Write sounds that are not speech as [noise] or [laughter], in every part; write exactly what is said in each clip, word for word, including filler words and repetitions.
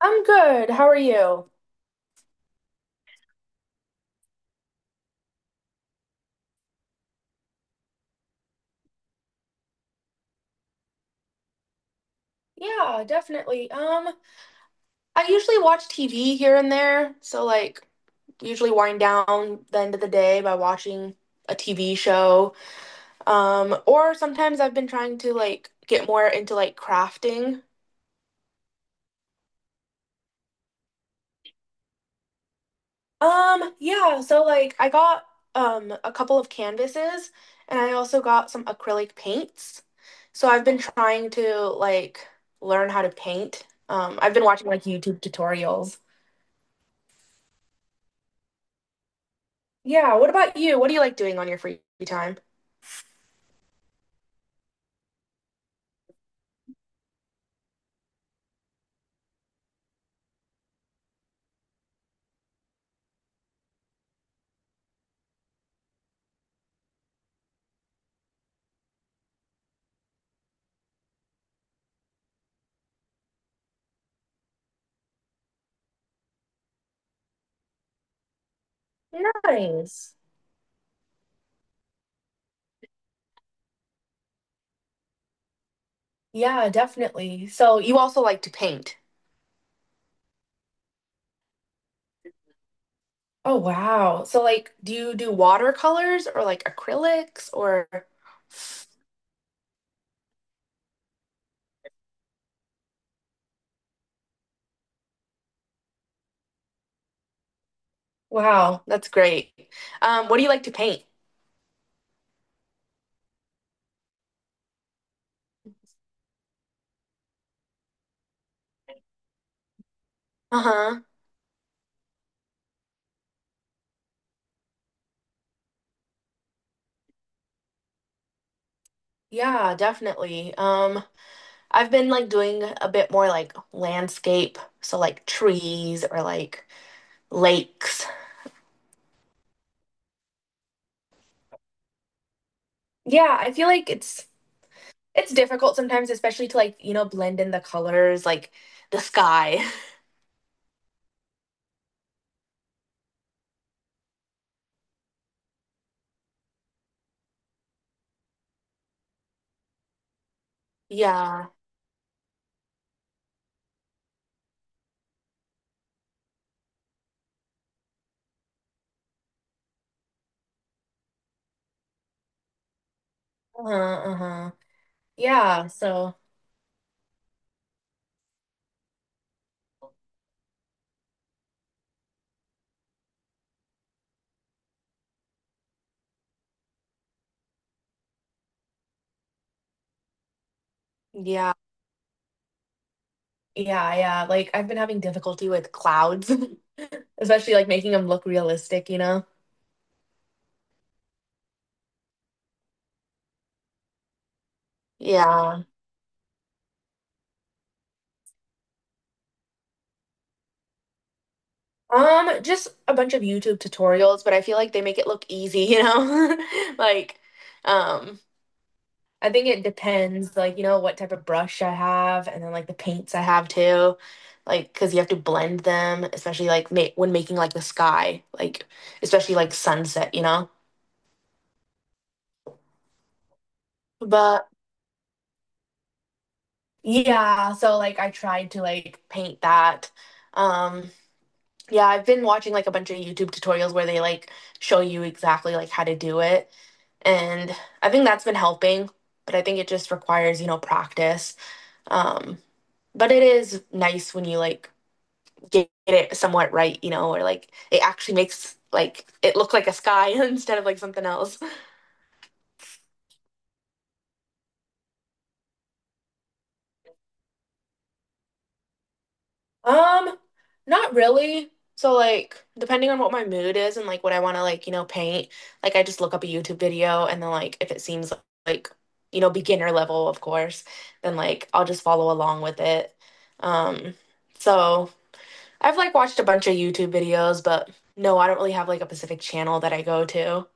I'm good. How are you? Yeah, definitely. Um, I usually watch T V here and there, so like usually wind down the end of the day by watching a T V show. Um, or sometimes I've been trying to like get more into like crafting. Um, yeah, so like I got um a couple of canvases, and I also got some acrylic paints. So I've been trying to like learn how to paint. Um, I've been watching like YouTube tutorials. Yeah, what about you? What do you like doing on your free time? Nice. Yeah, definitely. So you also like to paint. Oh wow. So like, do you do watercolors or like acrylics or wow, that's great. Um, what do you like to paint? Uh-huh. Yeah, definitely. Um, I've been like doing a bit more like landscape, so like trees or like lakes. Yeah, I feel like it's It's difficult sometimes, especially to, like, you know, blend in the colors, like the sky. [laughs] Yeah. Uh-huh, uh-huh. Yeah, so yeah. Yeah, yeah, like, I've been having difficulty with clouds, [laughs] especially, like, making them look realistic, you know? Yeah. Um, just a bunch of YouTube tutorials, but I feel like they make it look easy, you know? [laughs] Like, um I think it depends, like, you know, what type of brush I have and then like the paints I have too. Like, because you have to blend them, especially like ma when making like the sky, like, especially like sunset, you know? But yeah, so like I tried to like paint that. Um, yeah, I've been watching like a bunch of YouTube tutorials where they like show you exactly like how to do it. And I think that's been helping, but I think it just requires, you know, practice. Um, but it is nice when you like get it somewhat right, you know, or like it actually makes like it look like a sky [laughs] instead of like something else. Um, Not really. So like depending on what my mood is and like what I want to like, you know, paint, like I just look up a YouTube video and then like if it seems like, you know, beginner level, of course, then like I'll just follow along with it. Um, so I've like watched a bunch of YouTube videos, but no, I don't really have like a specific channel that I go to.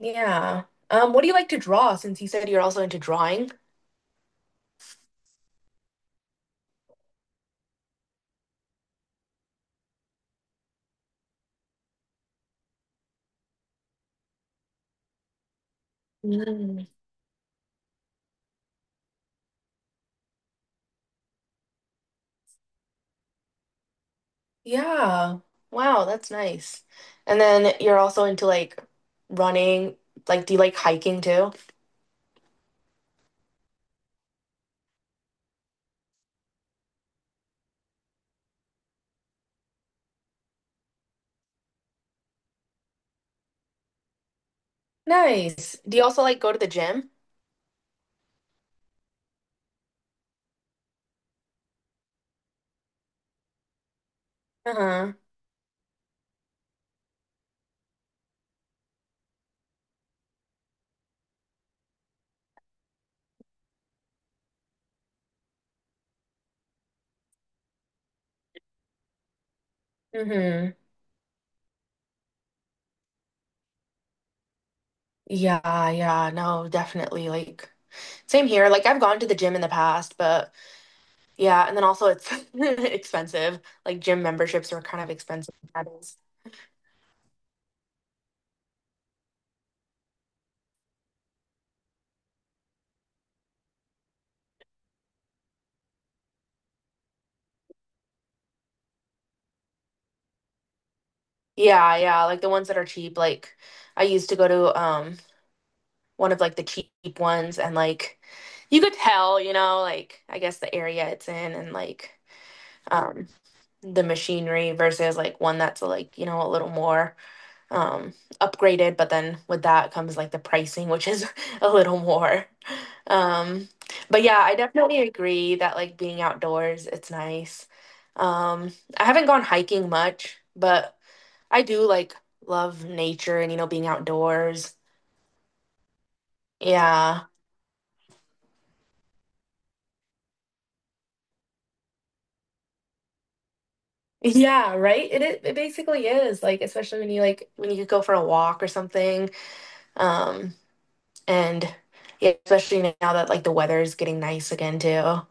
Yeah. Um, what do you like to draw since you said you're also into drawing? Mm. Yeah. Wow, that's nice. And then you're also into like running. Like, do you like hiking too? Nice. Do you also like go to the gym? Uh-huh. Mm-hmm. Yeah, yeah, no, definitely. Like same here. Like I've gone to the gym in the past, but yeah, and then also it's [laughs] expensive. Like gym memberships are kind of expensive nowadays. Yeah, yeah, like the ones that are cheap. Like I used to go to um one of like the cheap ones and like you could tell, you know, like I guess the area it's in and like um the machinery versus like one that's like, you know, a little more um upgraded, but then with that comes like the pricing, which is [laughs] a little more. Um but yeah, I definitely agree that like being outdoors, it's nice. Um I haven't gone hiking much, but I do like love nature and you know being outdoors. Yeah. Yeah, right? It i- it basically is like especially when you like when you could go for a walk or something. Um and yeah, especially now that like the weather is getting nice again too.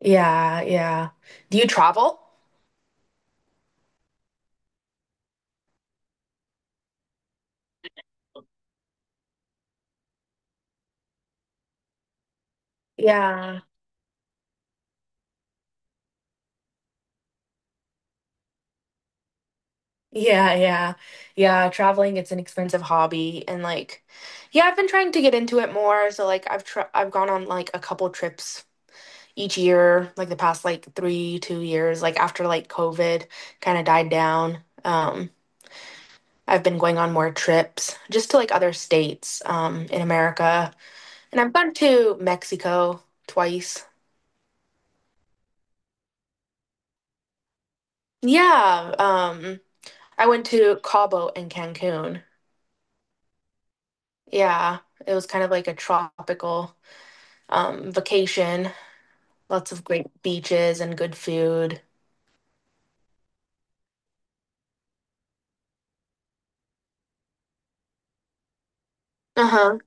Yeah, yeah. Do you travel? Yeah. Yeah, yeah. Yeah, traveling it's an expensive hobby and like yeah, I've been trying to get into it more. So like I've tr I've gone on like a couple trips each year, like the past like three, two years, like after like COVID kind of died down, um, I've been going on more trips just to like other states, um, in America. And I've gone to Mexico twice. Yeah, um, I went to Cabo and Cancun. Yeah, it was kind of like a tropical, um, vacation. Lots of great beaches and good food. Uh-huh.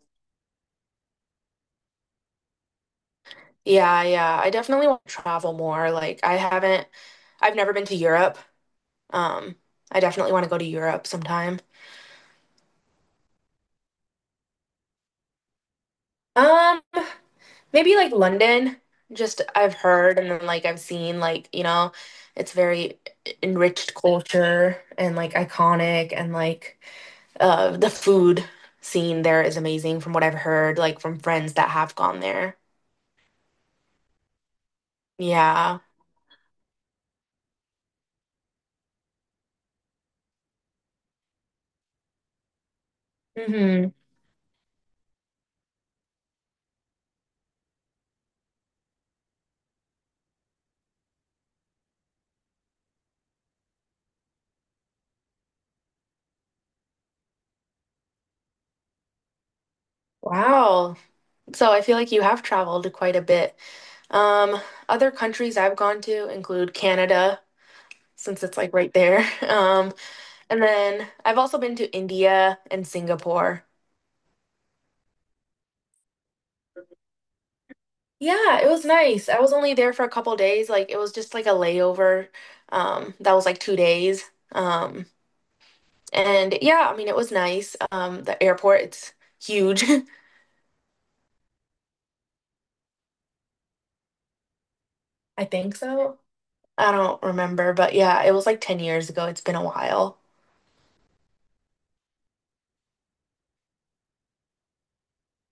Yeah, yeah. I definitely want to travel more. Like I haven't I've never been to Europe. Um, I definitely want to go to Europe sometime. Um, Maybe like London. Just I've heard and then like I've seen like, you know, it's very enriched culture and like iconic and like uh the food scene there is amazing from what I've heard like from friends that have gone there. Yeah. Hmm. Wow. So I feel like you have traveled quite a bit. Um, Other countries I've gone to include Canada, since it's like right there. [laughs] Um, And then I've also been to India and Singapore. Yeah, it was nice. I was only there for a couple days. Like it was just like a layover. Um, that was like two days. Um, and yeah, I mean it was nice. Um, the airport, it's huge. [laughs] I think so. I don't remember, but yeah, it was like ten years ago. It's been a while.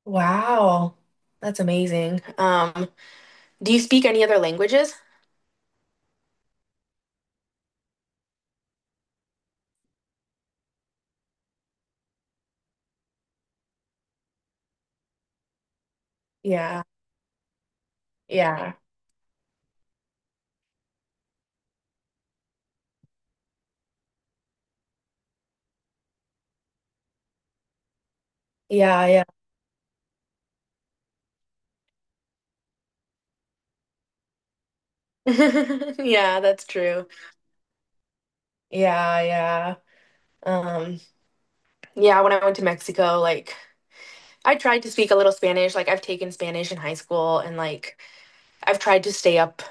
Wow. That's amazing. Um, do you speak any other languages? Yeah, yeah, yeah, yeah. [laughs] Yeah, that's true. Yeah, yeah. Um, yeah, when I went to Mexico, like I tried to speak a little Spanish. Like I've taken Spanish in high school and like I've tried to stay up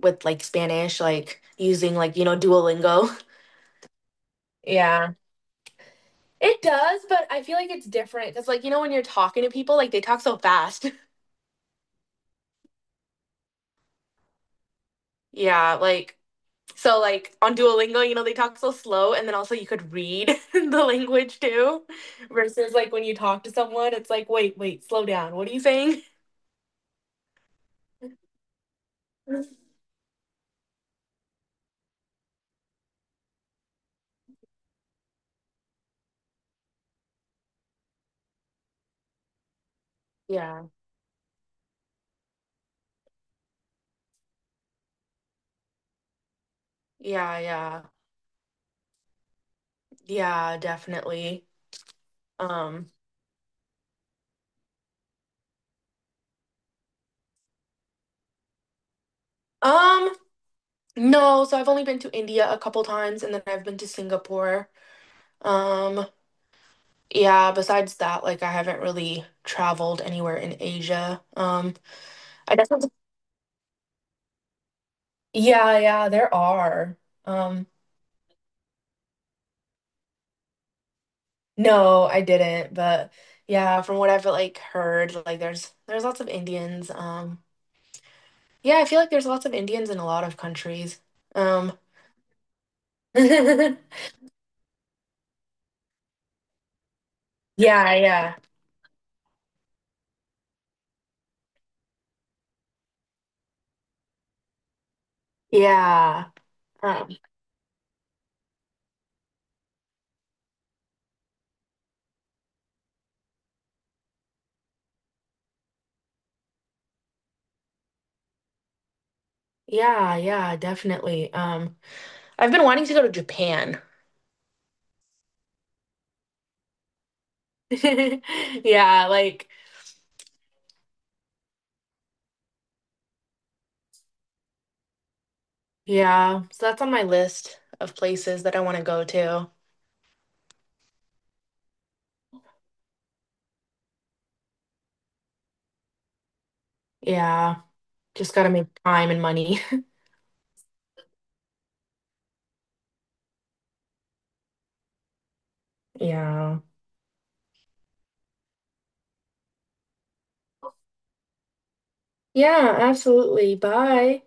with like Spanish, like using like, you know, Duolingo. [laughs] Yeah. It does, but I feel like it's different because like, you know, when you're talking to people, like they talk so fast. [laughs] Yeah, like so like on Duolingo, you know, they talk so slow and then also you could read [laughs] the language too. Versus like when you talk to someone, it's like, wait, wait, slow down. What are you saying? [laughs] Yeah. Yeah, yeah. Yeah, definitely. Um, um, no, so I've only been to India a couple times and then I've been to Singapore. Um, yeah, besides that, like I haven't really traveled anywhere in Asia. Um, I definitely yeah, yeah, there are. Um, no, I didn't, but yeah, from what I've like heard, like there's there's lots of Indians. Um, yeah, I feel like there's lots of Indians in a lot of countries. Um, [laughs] yeah, yeah. Yeah. Uh, yeah, yeah, definitely. Um, I've been wanting to go to Japan. [laughs] Yeah, like, yeah. So that's on my list of places that I want to go to. Yeah, just gotta make time and money. [laughs] Yeah. Yeah, absolutely. Bye.